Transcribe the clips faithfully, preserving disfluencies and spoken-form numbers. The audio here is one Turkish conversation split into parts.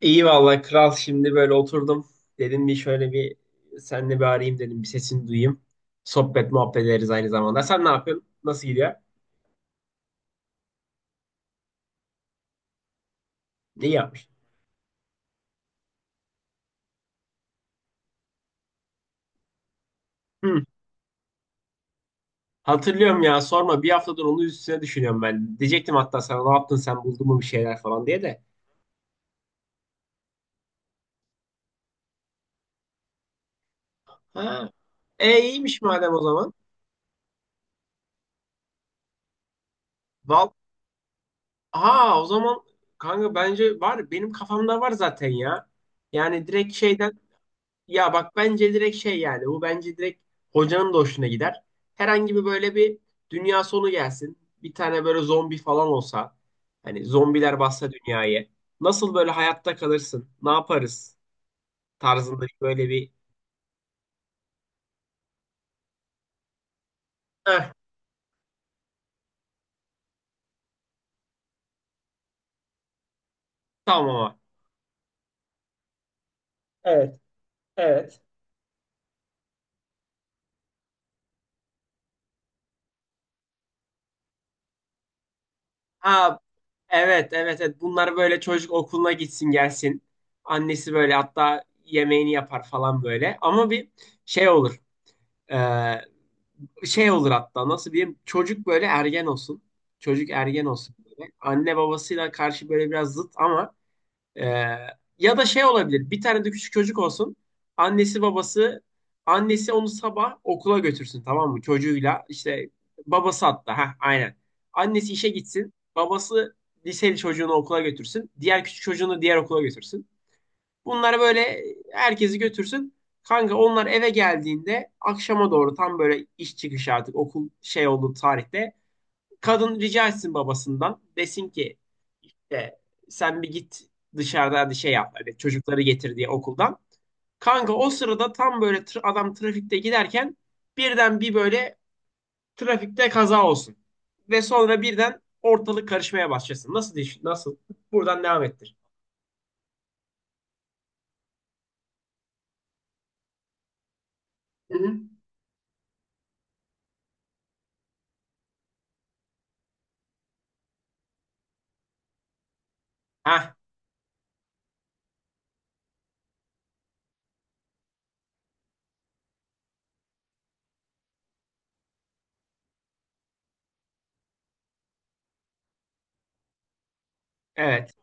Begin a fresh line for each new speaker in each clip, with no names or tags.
İyi vallahi kral şimdi böyle oturdum. Dedim bir şöyle bir seninle bir arayayım dedim. Bir sesini duyayım. Sohbet muhabbet ederiz aynı zamanda. Sen ne yapıyorsun? Nasıl gidiyor? İyi yapmış. Hı, hatırlıyorum ya sorma. Bir haftadır onun üstüne düşünüyorum ben. Diyecektim hatta sana ne yaptın sen buldun mu bir şeyler falan diye de. Ha. E iyiymiş madem o zaman. Val ha, o zaman kanka bence var. Benim kafamda var zaten ya. Yani direkt şeyden. Ya bak bence direkt şey, yani bu bence direkt hocanın da hoşuna gider. Herhangi bir böyle bir dünya sonu gelsin. Bir tane böyle zombi falan olsa. Hani zombiler bassa dünyayı. Nasıl böyle hayatta kalırsın? Ne yaparız? Tarzında bir böyle bir. Eh, tamam ama. Evet, evet. Ha, evet evet evet, bunlar böyle çocuk okuluna gitsin gelsin. Annesi böyle hatta yemeğini yapar falan böyle. Ama bir şey olur. Şey olur hatta nasıl diyeyim, çocuk böyle ergen olsun. Çocuk ergen olsun böyle. Anne babasıyla karşı böyle biraz zıt ama e, ya da şey olabilir. Bir tane de küçük çocuk olsun. Annesi babası Annesi onu sabah okula götürsün, tamam mı? Çocuğuyla işte babası hatta, ha aynen. Annesi işe gitsin. Babası liseli çocuğunu okula götürsün. Diğer küçük çocuğunu diğer okula götürsün. Bunlar böyle herkesi götürsün. Kanka onlar eve geldiğinde akşama doğru, tam böyle iş çıkışı artık okul şey olduğu tarihte, kadın rica etsin babasından, desin ki e, sen bir git dışarıda, hadi şey yap hani, çocukları getir diye okuldan. Kanka o sırada tam böyle tra- adam trafikte giderken birden bir böyle trafikte kaza olsun. Ve sonra birden ortalık karışmaya başlasın. Nasıl diş- nasıl? Buradan devam ettir. Hı hı. Hah, evet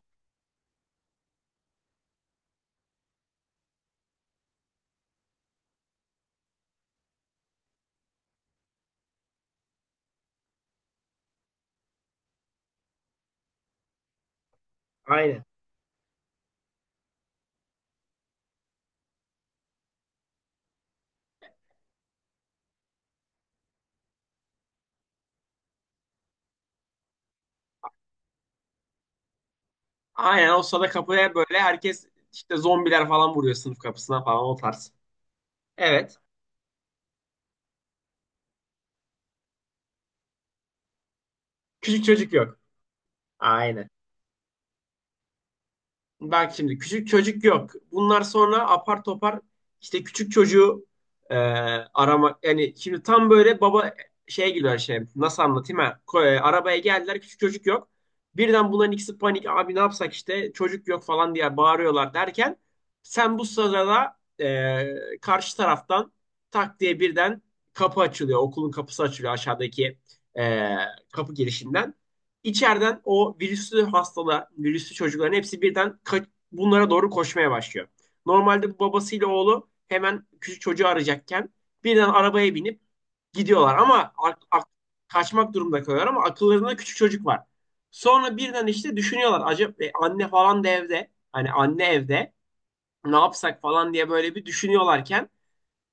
aynen. Aynen o sada kapıya böyle herkes işte zombiler falan vuruyor sınıf kapısına falan, o tarz. Evet. Küçük çocuk yok. Aynen. Bak şimdi küçük çocuk yok. Bunlar sonra apar topar işte küçük çocuğu e, arama. Yani şimdi tam böyle baba şeye giriyor şey. Nasıl anlatayım ha? Ko- e, arabaya geldiler, küçük çocuk yok. Birden bunların ikisi panik. Abi ne yapsak, işte çocuk yok falan diye bağırıyorlar derken, sen bu sırada e, karşı taraftan tak diye birden kapı açılıyor. Okulun kapısı açılıyor, aşağıdaki e, kapı girişinden. İçeriden o virüslü hastalar, virüslü çocukların hepsi birden bunlara doğru koşmaya başlıyor. Normalde bu babasıyla oğlu hemen küçük çocuğu arayacakken, birden arabaya binip gidiyorlar ama ak- ak- kaçmak durumunda kalıyorlar ama akıllarında küçük çocuk var. Sonra birden işte düşünüyorlar, acaba e, anne falan da evde, hani anne evde ne yapsak falan diye böyle bir düşünüyorlarken,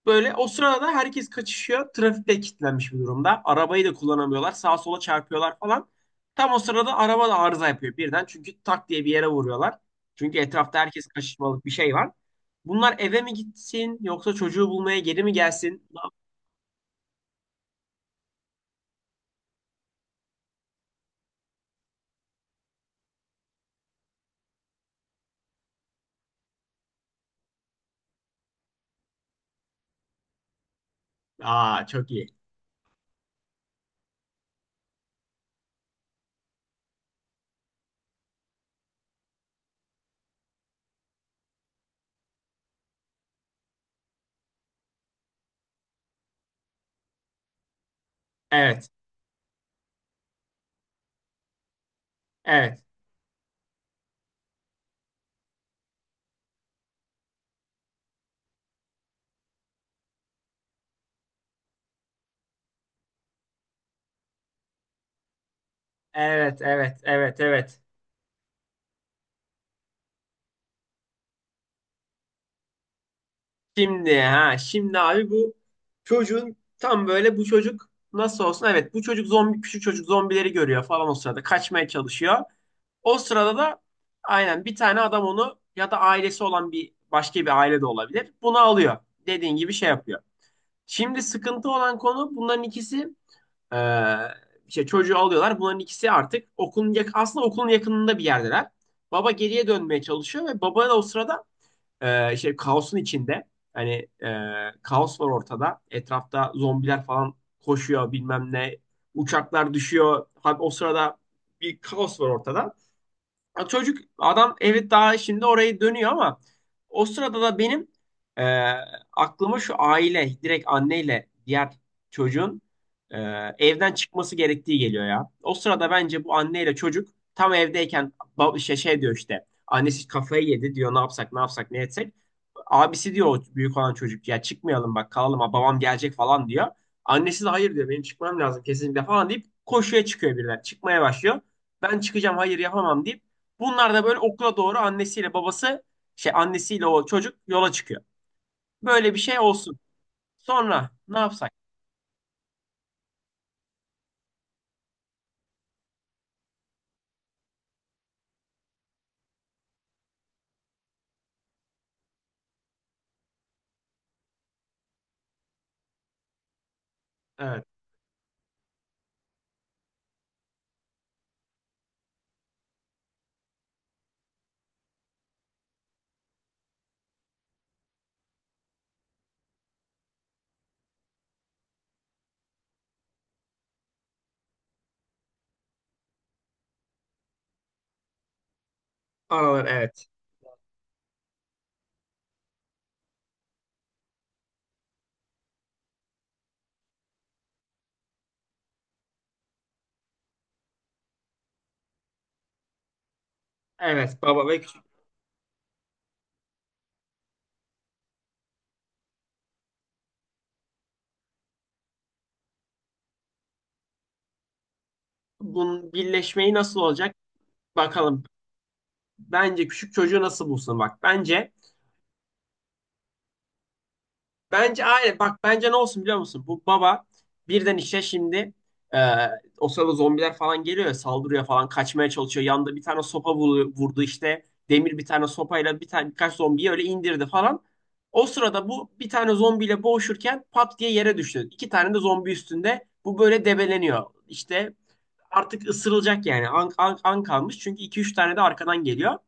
böyle o sırada herkes kaçışıyor. Trafikte kilitlenmiş bir durumda. Arabayı da kullanamıyorlar. Sağa sola çarpıyorlar falan. Tam o sırada araba da arıza yapıyor birden. Çünkü tak diye bir yere vuruyorlar. Çünkü etrafta herkes kaçışmalık bir şey var. Bunlar eve mi gitsin yoksa çocuğu bulmaya geri mi gelsin? Aa, çok iyi. Evet. Evet. Evet, evet, evet, evet. Şimdi ha, şimdi abi bu çocuğun tam böyle, bu çocuk nasıl olsun? Evet, bu çocuk zombi, küçük çocuk zombileri görüyor falan, o sırada kaçmaya çalışıyor. O sırada da aynen bir tane adam onu, ya da ailesi olan bir başka bir aile de olabilir, bunu alıyor. Dediğin gibi şey yapıyor. Şimdi sıkıntı olan konu, bunların ikisi eee işte çocuğu alıyorlar. Bunların ikisi artık okulun yak aslında okulun yakınında bir yerdeler. Baba geriye dönmeye çalışıyor ve baba da o sırada eee şey, kaosun içinde. Hani eee, kaos var ortada. Etrafta zombiler falan koşuyor, bilmem ne. Uçaklar düşüyor. Hadi o sırada bir kaos var ortada. Ya çocuk adam, evet daha şimdi orayı dönüyor ama o sırada da benim e, aklıma şu, aile direkt anneyle diğer çocuğun e, evden çıkması gerektiği geliyor ya. O sırada bence bu anneyle çocuk tam evdeyken, bab- şey, şey diyor işte, annesi kafayı yedi diyor, ne yapsak ne yapsak ne etsek. Abisi diyor, o büyük olan çocuk, ya çıkmayalım bak kalalım, ha babam gelecek falan diyor. Annesi de hayır diyor, benim çıkmam lazım kesinlikle falan deyip koşuya çıkıyor, biriler çıkmaya başlıyor. Ben çıkacağım, hayır yapamam deyip, bunlar da böyle okula doğru annesiyle babası şey annesiyle o çocuk yola çıkıyor. Böyle bir şey olsun. Sonra ne yapsak? Evet. Aralar, evet. Evet, baba ve küçük. Bunun birleşmeyi nasıl olacak? Bakalım. Bence küçük çocuğu nasıl bulsun bak. Bence Bence aynen. Bak bence ne olsun biliyor musun? Bu baba birden işte şimdi e, o sırada zombiler falan geliyor ya, saldırıyor falan, kaçmaya çalışıyor. Yanında bir tane sopa vuru- vurdu işte. Demir bir tane sopayla bir tane, birkaç zombiyi öyle indirdi falan. O sırada bu bir tane zombiyle boğuşurken pat diye yere düştü. İki tane de zombi üstünde. Bu böyle debeleniyor. İşte artık ısırılacak yani. An, an, an kalmış. Çünkü iki üç tane de arkadan geliyor.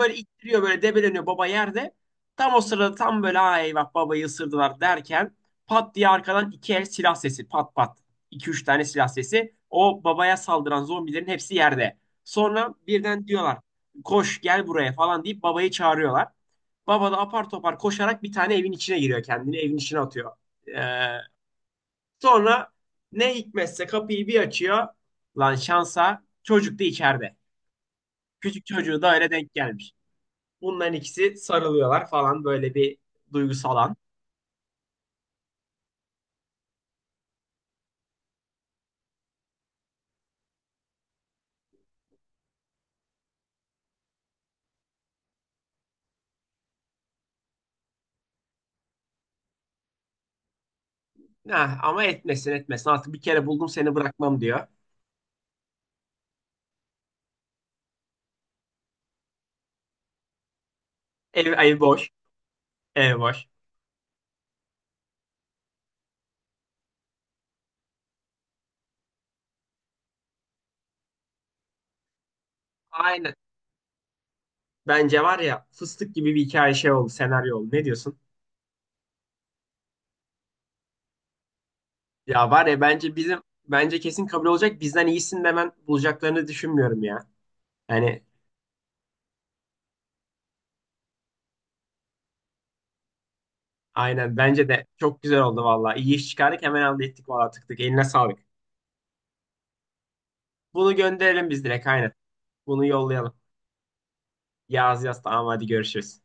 Böyle ittiriyor, böyle debeleniyor baba yerde. Tam o sırada tam böyle, ha eyvah babayı ısırdılar derken, pat diye arkadan iki el silah sesi, pat pat. iki üç tane silah sesi. O babaya saldıran zombilerin hepsi yerde. Sonra birden diyorlar, koş gel buraya falan deyip babayı çağırıyorlar. Baba da apar topar koşarak bir tane evin içine giriyor, kendini evin içine atıyor. Ee, Sonra ne hikmetse kapıyı bir açıyor. Lan şansa çocuk da içeride. Küçük çocuğu da öyle denk gelmiş. Bunların ikisi sarılıyorlar falan, böyle bir duygusal an. Ha, ama etmesin etmesin, artık bir kere buldum seni bırakmam diyor. Ev, ev boş. Ev boş. Aynen. Bence var ya, fıstık gibi bir hikaye, şey oldu, senaryo oldu. Ne diyorsun? Ya var ya, bence bizim, bence kesin kabul olacak. Bizden iyisini de ben bulacaklarını düşünmüyorum ya. Yani. Aynen, bence de çok güzel oldu valla. İyi iş çıkardık, hemen halde ettik valla, tık tık, eline sağlık. Bunu gönderelim biz direkt, aynen. Bunu yollayalım. Yaz yaz, tamam hadi görüşürüz.